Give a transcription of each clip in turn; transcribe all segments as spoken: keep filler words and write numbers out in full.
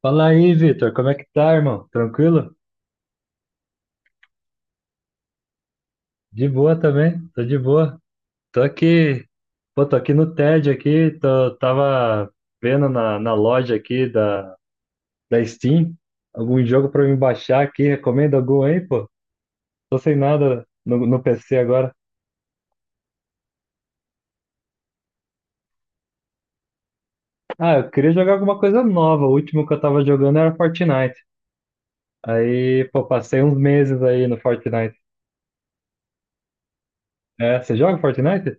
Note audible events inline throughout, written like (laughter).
Fala aí, Vitor, como é que tá, irmão? Tranquilo? De boa também, tô de boa. Tô aqui, pô, tô aqui no T E D aqui, tô, tava vendo na, na loja aqui da, da Steam algum jogo pra me baixar aqui. Recomenda algum aí, pô? Tô sem nada no, no P C agora. Ah, eu queria jogar alguma coisa nova. O último que eu tava jogando era Fortnite. Aí, pô, passei uns meses aí no Fortnite. É, você joga Fortnite?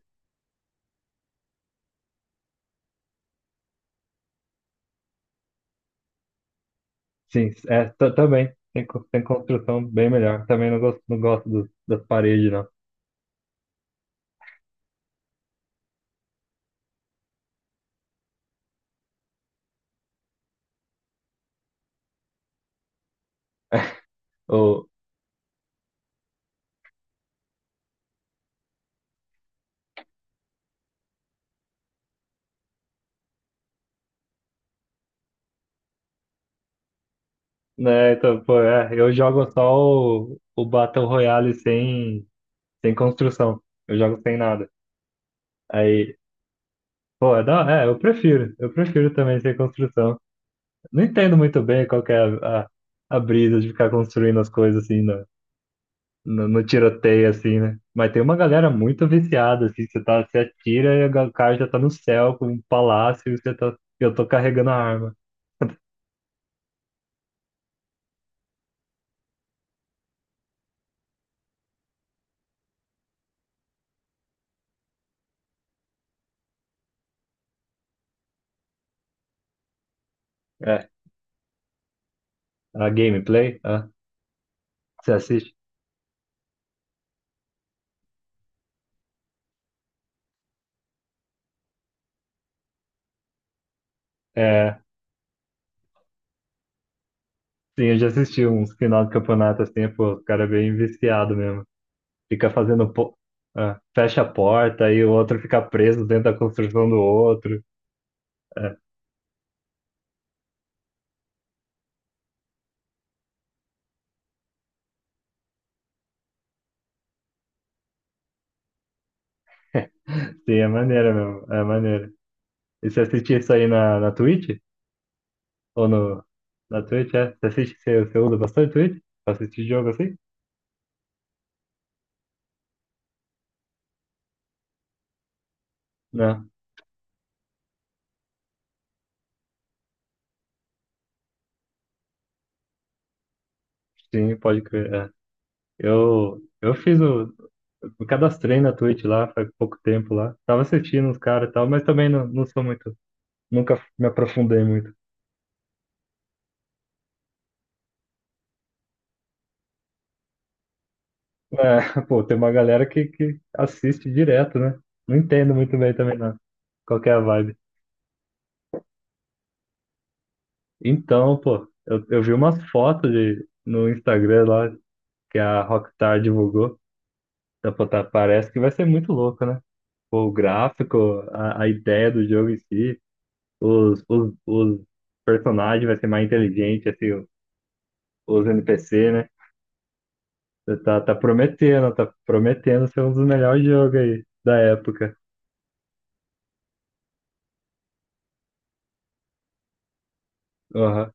Sim, é, ta- também. Tem, co- tem construção bem melhor. Também não gosto, não gosto dos- das paredes, não. Ou, né, então, pô, é, eu jogo só o, o Battle Royale sem, sem construção. Eu jogo sem nada. Aí, pô, é, da- é, eu prefiro. Eu prefiro também sem construção. Não entendo muito bem qual que é a, a, a brisa de ficar construindo as coisas assim, no, no tiroteio, assim, né? Mas tem uma galera muito viciada. Assim, você tá, você atira e o cara já tá no céu com um palácio e você tá, eu tô carregando a arma. (laughs) É, a gameplay, ah, você assiste? É, sim, eu já assisti uns final de campeonato. Assim, pô, o cara é bem viciado mesmo. Fica fazendo, po- ah, fecha a porta e o outro fica preso dentro da construção do outro. É, sim, é maneiro mesmo, é maneiro. E você assistia isso aí na, na Twitch? Ou no, na Twitch, é? Você assiste, você, você usa bastante Twitch? Pra assistir jogo assim? Não. Sim, pode crer, é. Eu, eu fiz o... Me cadastrei na Twitch lá, faz pouco tempo lá. Tava assistindo os caras e tal, mas também não, não sou muito... Nunca me aprofundei muito. É, (laughs) pô, tem uma galera que, que assiste direto, né? Não entendo muito bem também, não. Qual que é a vibe? Então, pô, eu, eu vi umas fotos de, no Instagram lá que a Rockstar divulgou. Então, pô, tá, parece que vai ser muito louco, né? O gráfico, a, a ideia do jogo em si, os, os, os personagens vai ser mais inteligente, assim, o- os N P C, né? Tá, tá prometendo, tá prometendo ser um dos melhores jogos aí da época. Aham.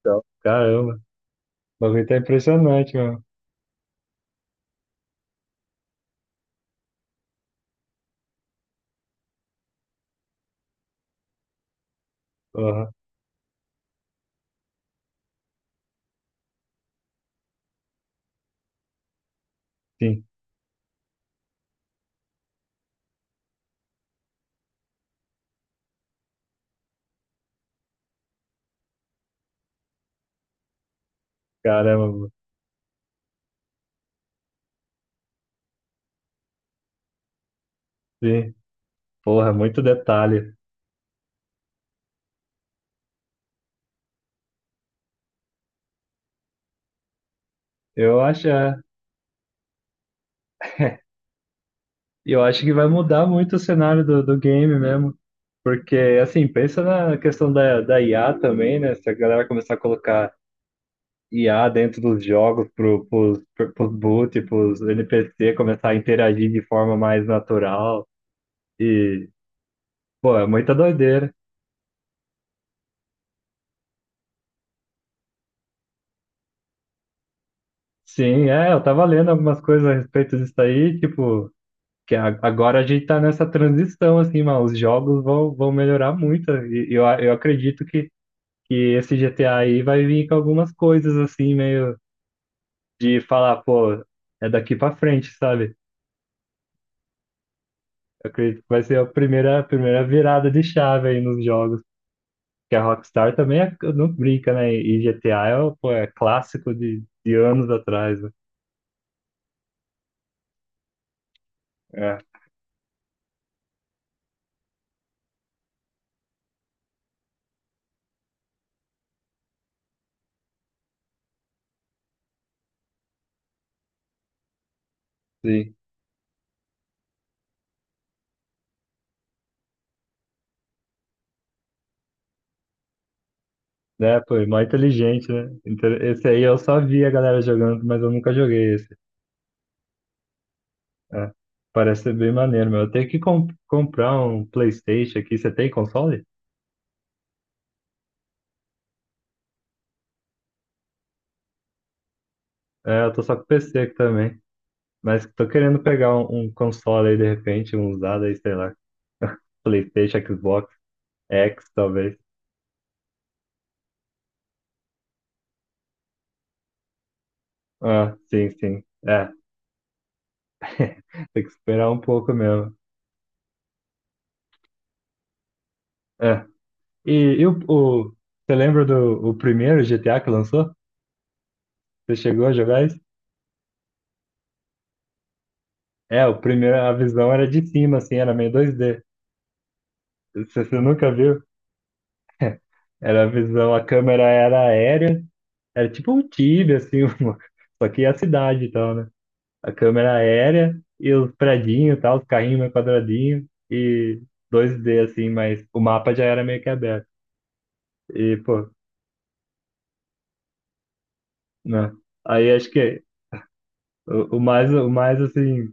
Então, caramba, o bagulho tá impressionante, mano. Aham. Sim, caramba, mano, sim. Porra, muito detalhe. Eu acho, é, eu acho que vai mudar muito o cenário do, do game mesmo. Porque, assim, pensa na questão da, da I A também, né? Se a galera começar a colocar I A dentro dos jogos pro, pros, pros boot, pros N P C começar a interagir de forma mais natural. E, pô, é muita doideira. Sim, é, eu tava lendo algumas coisas a respeito disso aí. Tipo, que a- agora a gente tá nessa transição, assim, mano. Os jogos vão, vão melhorar muito. E eu, eu acredito que, que esse G T A aí vai vir com algumas coisas, assim, meio de falar, pô, é daqui pra frente, sabe? Eu acredito que vai ser a primeira, a primeira virada de chave aí nos jogos. Que a Rockstar também é- não brinca, né? E G T A é, o- pô, é clássico de, de anos atrás, né? É, sim. Né, pô, é mó inteligente, né? Então, esse aí eu só vi a galera jogando, mas eu nunca joguei esse. É. Parece ser bem maneiro, meu. Eu tenho que com- comprar um PlayStation aqui. Você tem console? É, eu tô só com P C aqui também. Mas tô querendo pegar um, um console aí, de repente, um usado aí, sei lá. (laughs) PlayStation, Xbox, X, talvez. Ah, sim, sim. É, tem que esperar um pouco mesmo. É. E, e o, o- você lembra do o primeiro G T A que lançou? Você chegou a jogar isso? É, o primeiro, a visão era de cima, assim, era meio dois D. Você, você nunca viu? Era a visão, a câmera era aérea, era tipo um Tibia, assim, (laughs) uma- só que a cidade e tal, né? A câmera aérea e os predinhos e tal, os carrinhos meio quadradinhos e dois D, assim, mas o mapa já era meio que aberto. E, pô, né? Aí acho que o, o mais, o mais, assim,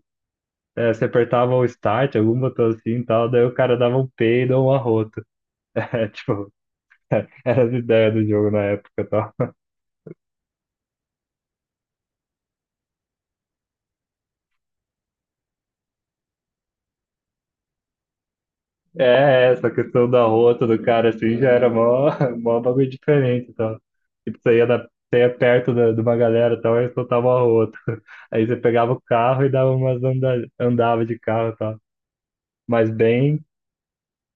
é, você apertava o start, algum botão assim e tal. Daí o cara dava um peido ou um arroto. (laughs) É, tipo, era as ideias do jogo na época e tal. É, é, essa questão do arroto do cara assim já era mó, (laughs) mó bagulho diferente e tal. Tipo, você ia, na, você ia perto da, de uma galera e tal, aí soltava o arroto. (laughs) Aí você pegava o carro e dava umas anda, andava de carro e tal. Mas bem,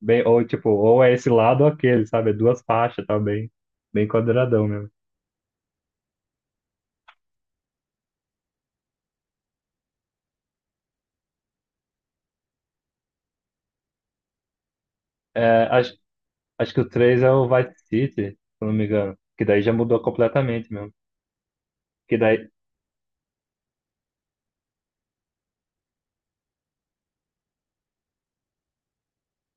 bem, ou tipo, ou é esse lado ou aquele, sabe? É duas faixas e tal, bem, bem quadradão mesmo. É, acho que o três é o Vice City, se eu não me engano. Que daí já mudou completamente mesmo. Que daí,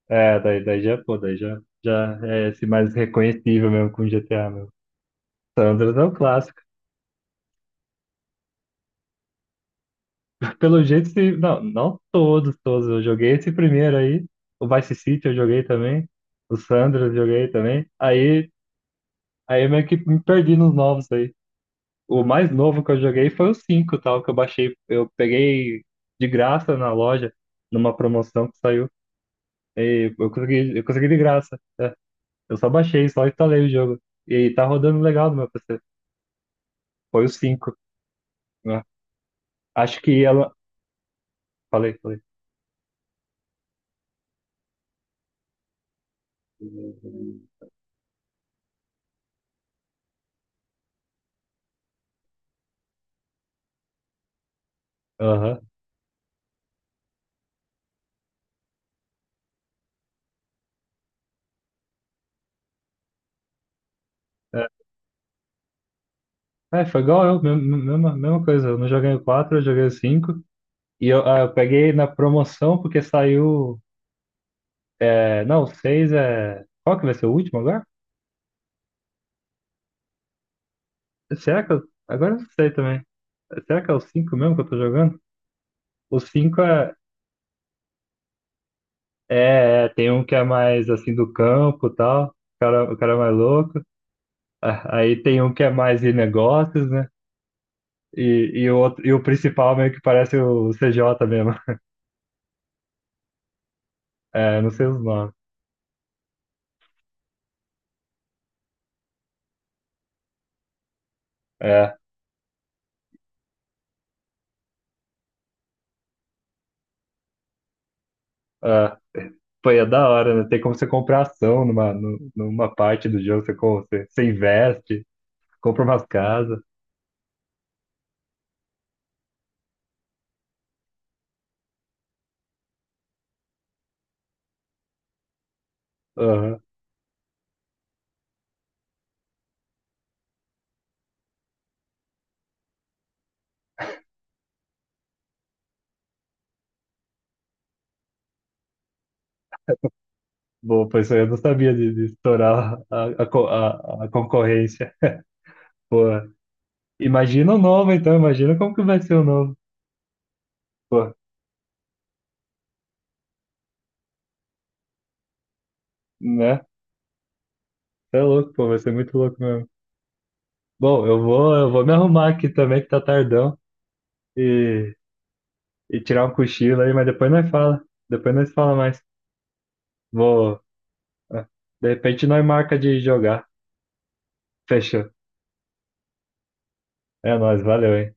é, daí, daí já, pô, daí já, já é esse mais reconhecível mesmo, com G T A mesmo. San Andreas é um clássico. (laughs) Pelo jeito, se, não, não todos, todos. Eu joguei esse primeiro aí. O Vice City eu joguei também. O San Andreas eu joguei também. Aí, aí eu meio que me perdi nos novos aí. O mais novo que eu joguei foi o cinco tal, que eu baixei. Eu peguei de graça na loja, numa promoção que saiu. E eu consegui, eu consegui de graça. É. Eu só baixei, só instalei o jogo. E tá rodando legal no meu P C. Foi o cinco, né? Acho que ela. Falei, falei. Aham. É. É, foi igual eu, mesma, mesma mesma coisa. Eu não joguei o quatro, eu joguei o cinco. E eu, ah, eu peguei na promoção porque saiu. É, não, o seis é. Qual que vai ser o último agora? Será que eu. Agora eu não sei também. Será que é o cinco mesmo que eu tô jogando? O cinco. É, é, tem um que é mais assim do campo e tal. O cara, o cara é mais louco. Ah, aí tem um que é mais de negócios, né? E, e, o outro, e o principal meio que parece o C J mesmo. (laughs) É, não sei os nomes. É, é. Pô, e é da hora, né? Tem como você comprar ação numa, nu- numa parte do jogo. Você, com- você, você investe, compra umas casas. Aham. Bom, pois eu não sabia de, de estourar a, a, co- a, a concorrência. Pô, imagina o novo, então, imagina como que vai ser o novo. Pô, né? É louco, pô, vai ser muito louco mesmo. Bom, eu vou, eu vou me arrumar aqui também, que tá tardão, e, e tirar um cochilo aí. Mas depois nós fala. Depois nós fala mais. Vou. Ah, de repente nós marca de jogar. Fechou. É nóis, valeu, hein?